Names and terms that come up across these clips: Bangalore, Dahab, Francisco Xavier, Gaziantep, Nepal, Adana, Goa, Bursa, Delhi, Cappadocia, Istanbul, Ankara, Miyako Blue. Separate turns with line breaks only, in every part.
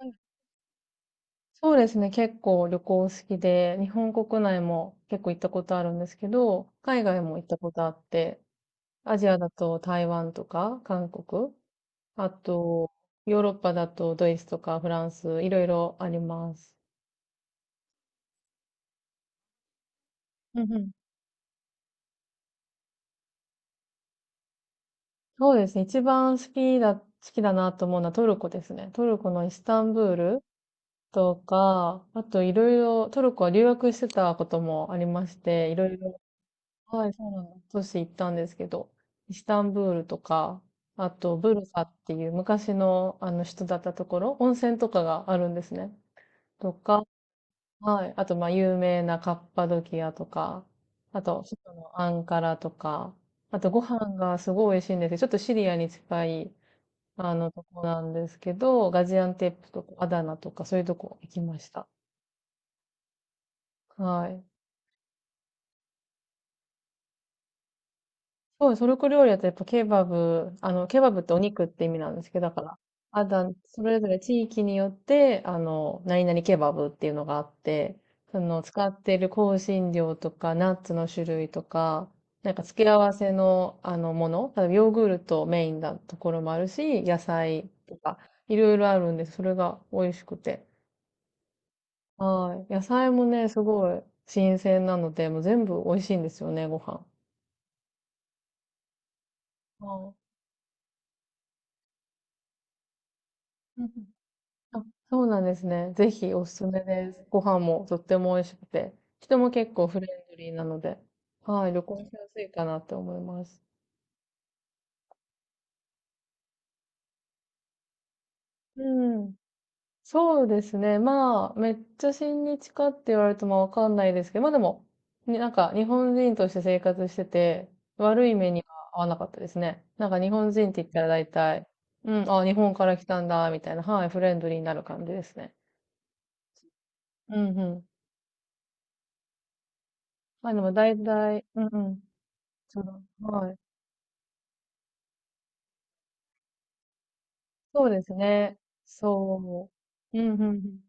うん、そうですね。結構旅行好きで、日本国内も結構行ったことあるんですけど、海外も行ったことあって、アジアだと台湾とか韓国、あとヨーロッパだとドイツとかフランス、いろいろあります。うんうん。そうですね。一番好きだなと思うのはトルコですね。トルコのイスタンブールとか、あといろいろ、トルコは留学してたこともありまして、いろいろはい、そうなんです都市行ったんですけど、イスタンブールとか、あとブルサっていう昔のあの人だったところ、温泉とかがあるんですね。とか、はい。あと、まあ、有名なカッパドキアとか、あと、首都のアンカラとか、あと、ご飯がすごい美味しいんですよ。ちょっとシリアに近い、とこなんですけど、ガジアンテップとか、アダナとか、そういうとこ行きました。はい。そう、トルコ料理だとやっぱケバブ、ケバブってお肉って意味なんですけど、だから、あだ、それぞれ地域によって、何々ケバブっていうのがあって、その、使っている香辛料とか、ナッツの種類とか、なんか付け合わせの、もの、例えばヨーグルトメインなところもあるし、野菜とか、いろいろあるんです、それが美味しくて。はい。野菜もね、すごい新鮮なので、もう全部美味しいんですよね、ご飯。はい。あ、そうなんですね。ぜひおすすめです。ご飯もとっても美味しくて、人も結構フレンドリーなので、はい、旅行しやすいかなって思います。うん。そうですね。まあ、めっちゃ親日かって言われるとまあわかんないですけど、まあでも、になんか日本人として生活してて、悪い目には合わなかったですね。なんか日本人って言ったら大体、うん、あ、日本から来たんだ、みたいな、はい、フレンドリーになる感じですね。うんうん。まあでも大体、うんうん。その、はい。そうですね。そう。うん、うんうん。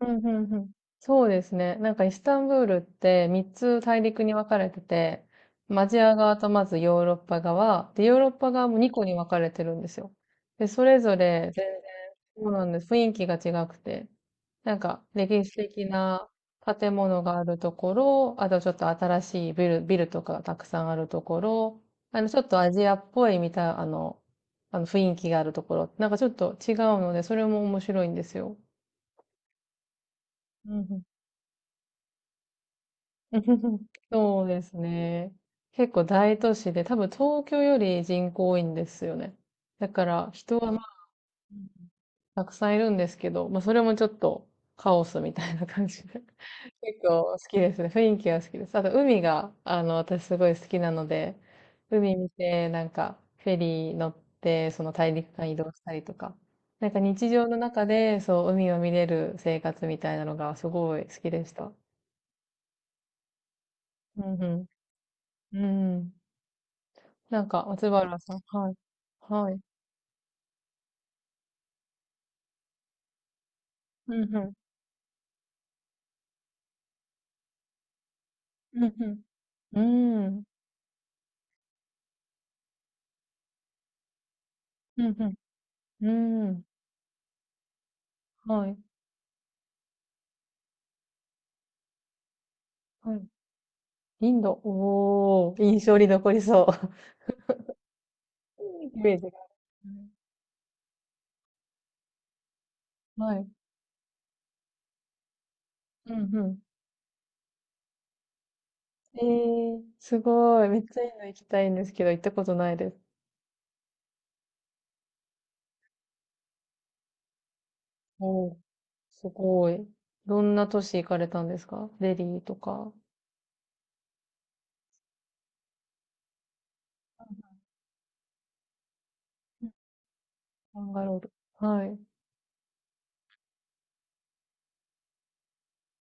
うん、うんうん。そうですね。なんかイスタンブールって3つ大陸に分かれてて、まあアジア側とまずヨーロッパ側、で、ヨーロッパ側も2個に分かれてるんですよ。で、それぞれ全然、そうなんです。雰囲気が違くて。なんか歴史的な建物があるところ、あとちょっと新しいビルとかがたくさんあるところ、ちょっとアジアっぽいみたいな、あの雰囲気があるところ、なんかちょっと違うので、それも面白いんですよ。うんうん。 そうですね。結構大都市で、多分東京より人口多いんですよね。だから人はまあたくさんいるんですけど、まあそれもちょっとカオスみたいな感じで。結構好きですね。雰囲気が好きです。あと海が、私すごい好きなので、海見て、なんかフェリー乗って、その大陸間移動したりとか、なんか日常の中でそう海を見れる生活みたいなのがすごい好きでした。うんうん。うん。なんか、松原さん。はい。はい。うんうん。うんうん。うん。うんうん。うん。はい。はい。インド。おー。印象に残りそう。イメージがある。はい。うんうん。えー、すごい。めっちゃインド行きたいんですけど、行ったことないです。おー。すごい。どんな都市行かれたんですかデリーとか。うんバンガロール。はい。うん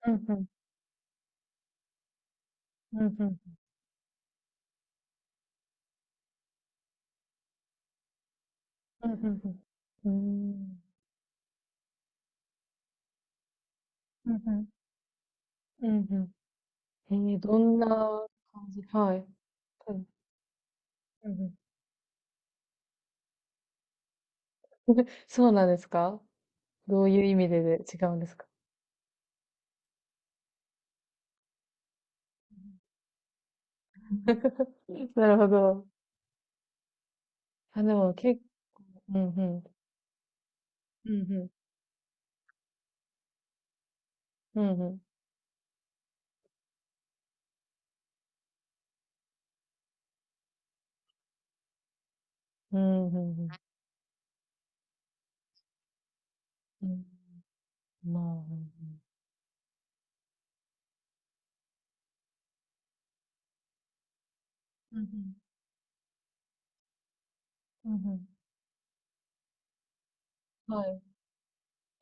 うん。うんうん。うんうんうん。うーん。うんうん。うんうんえー、どんな感じはい。うん。うんうん。 そうなんですか。どういう意味で、で違うんですか。 なるほど。あ、でも結構、うんうん。うんうん。うんうん。うんうんうん。うん。まあ、うんうん。うんうん。うんうん。はい。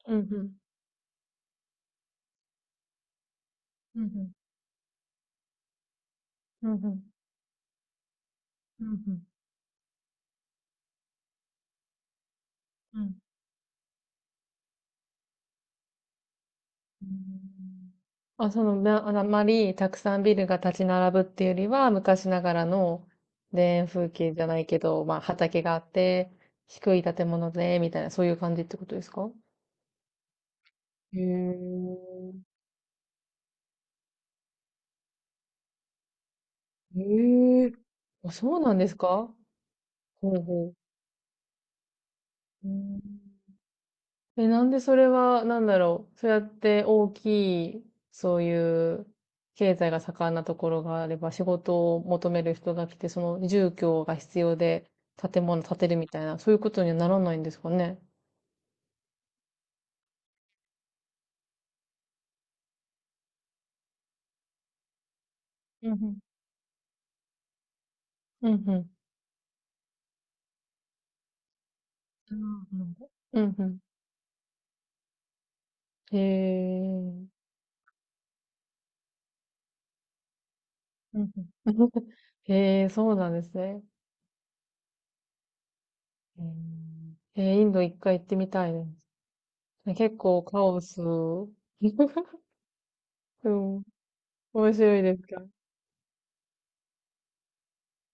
うんうん。うんうん。うんうん。うんうん。うんうん。うんあ、その、な、あまりたくさんビルが立ち並ぶっていうよりは、昔ながらの田園風景じゃないけど、まあ畑があって、低い建物で、みたいな、そういう感じってことですか。へえ。へえ。あ、そうなんですか。ほうほう。うんえ、なんでそれは、なんだろう。そうやって大きい、そういう経済が盛んなところがあれば、仕事を求める人が来て、その住居が必要で建物建てるみたいな、そういうことにはならないんですかね。うんうん。うんうん。あーなるほど。うんうん。へえ。うんうん。え。へえ、そうなんですね。うんえー、インド一回行ってみたいです。結構カオス。うん。面白いですか。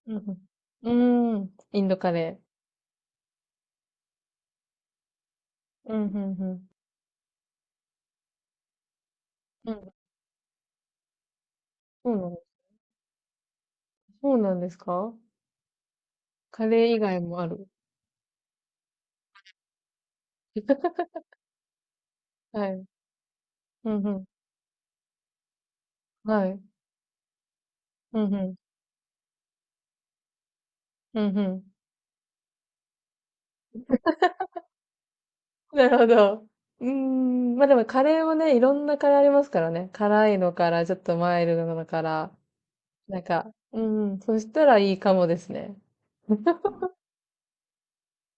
うんうん。うーん。インドカレー。うん、うん、うん。うん。そうなんです。そうなんですか。カレー以外もある。はい。うん、うん。はい。うん、うん。うん、うん。なるほど。うーん。まあでもカレーもね、いろんなカレーありますからね。辛いのから、ちょっとマイルドなのから。なんか、うん。そしたらいいかもですね。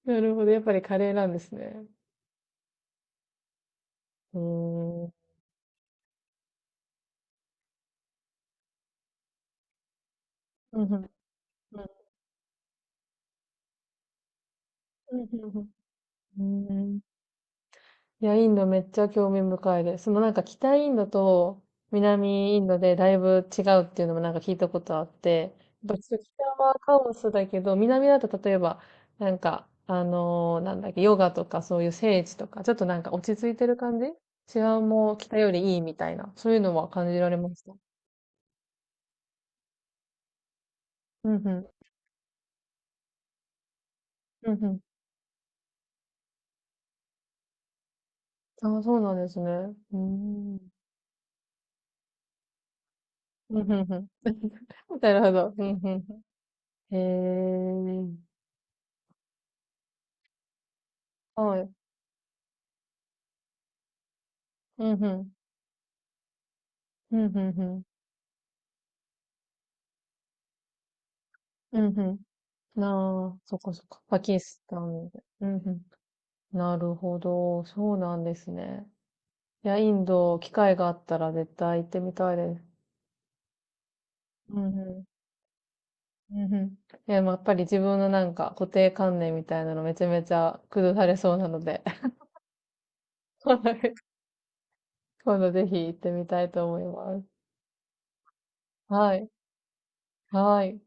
なるほど。やっぱりカレーなんですね。うーん。うん、うん、うん。うん、うん、うん。うーん。いや、インドめっちゃ興味深いです。そのなんか北インドと南インドでだいぶ違うっていうのもなんか聞いたことあって、やっぱちょっと北はカオスだけど、南だと例えば、なんか、あのーなんだっけ、ヨガとかそういう聖地とか、ちょっとなんか落ち着いてる感じ治安も北よりいいみたいな、そういうのは感じられました。うんうん。うんうん。ああ、そうなんですね。うーん。うんうんうん。なるほど。うんうんうん。へえ。はい。うんうん。うん、うん、うん。うん、うん。なあ、そっかそっか。パキスタンで。うん、うん。なるほど。そうなんですね。いや、インド、機会があったら絶対行ってみたいです。うん、うん。うん、うん。いや、まあやっぱり自分のなんか固定観念みたいなのめちゃめちゃ崩されそうなので、今度ぜひ行ってみたいと思います。はい。はい。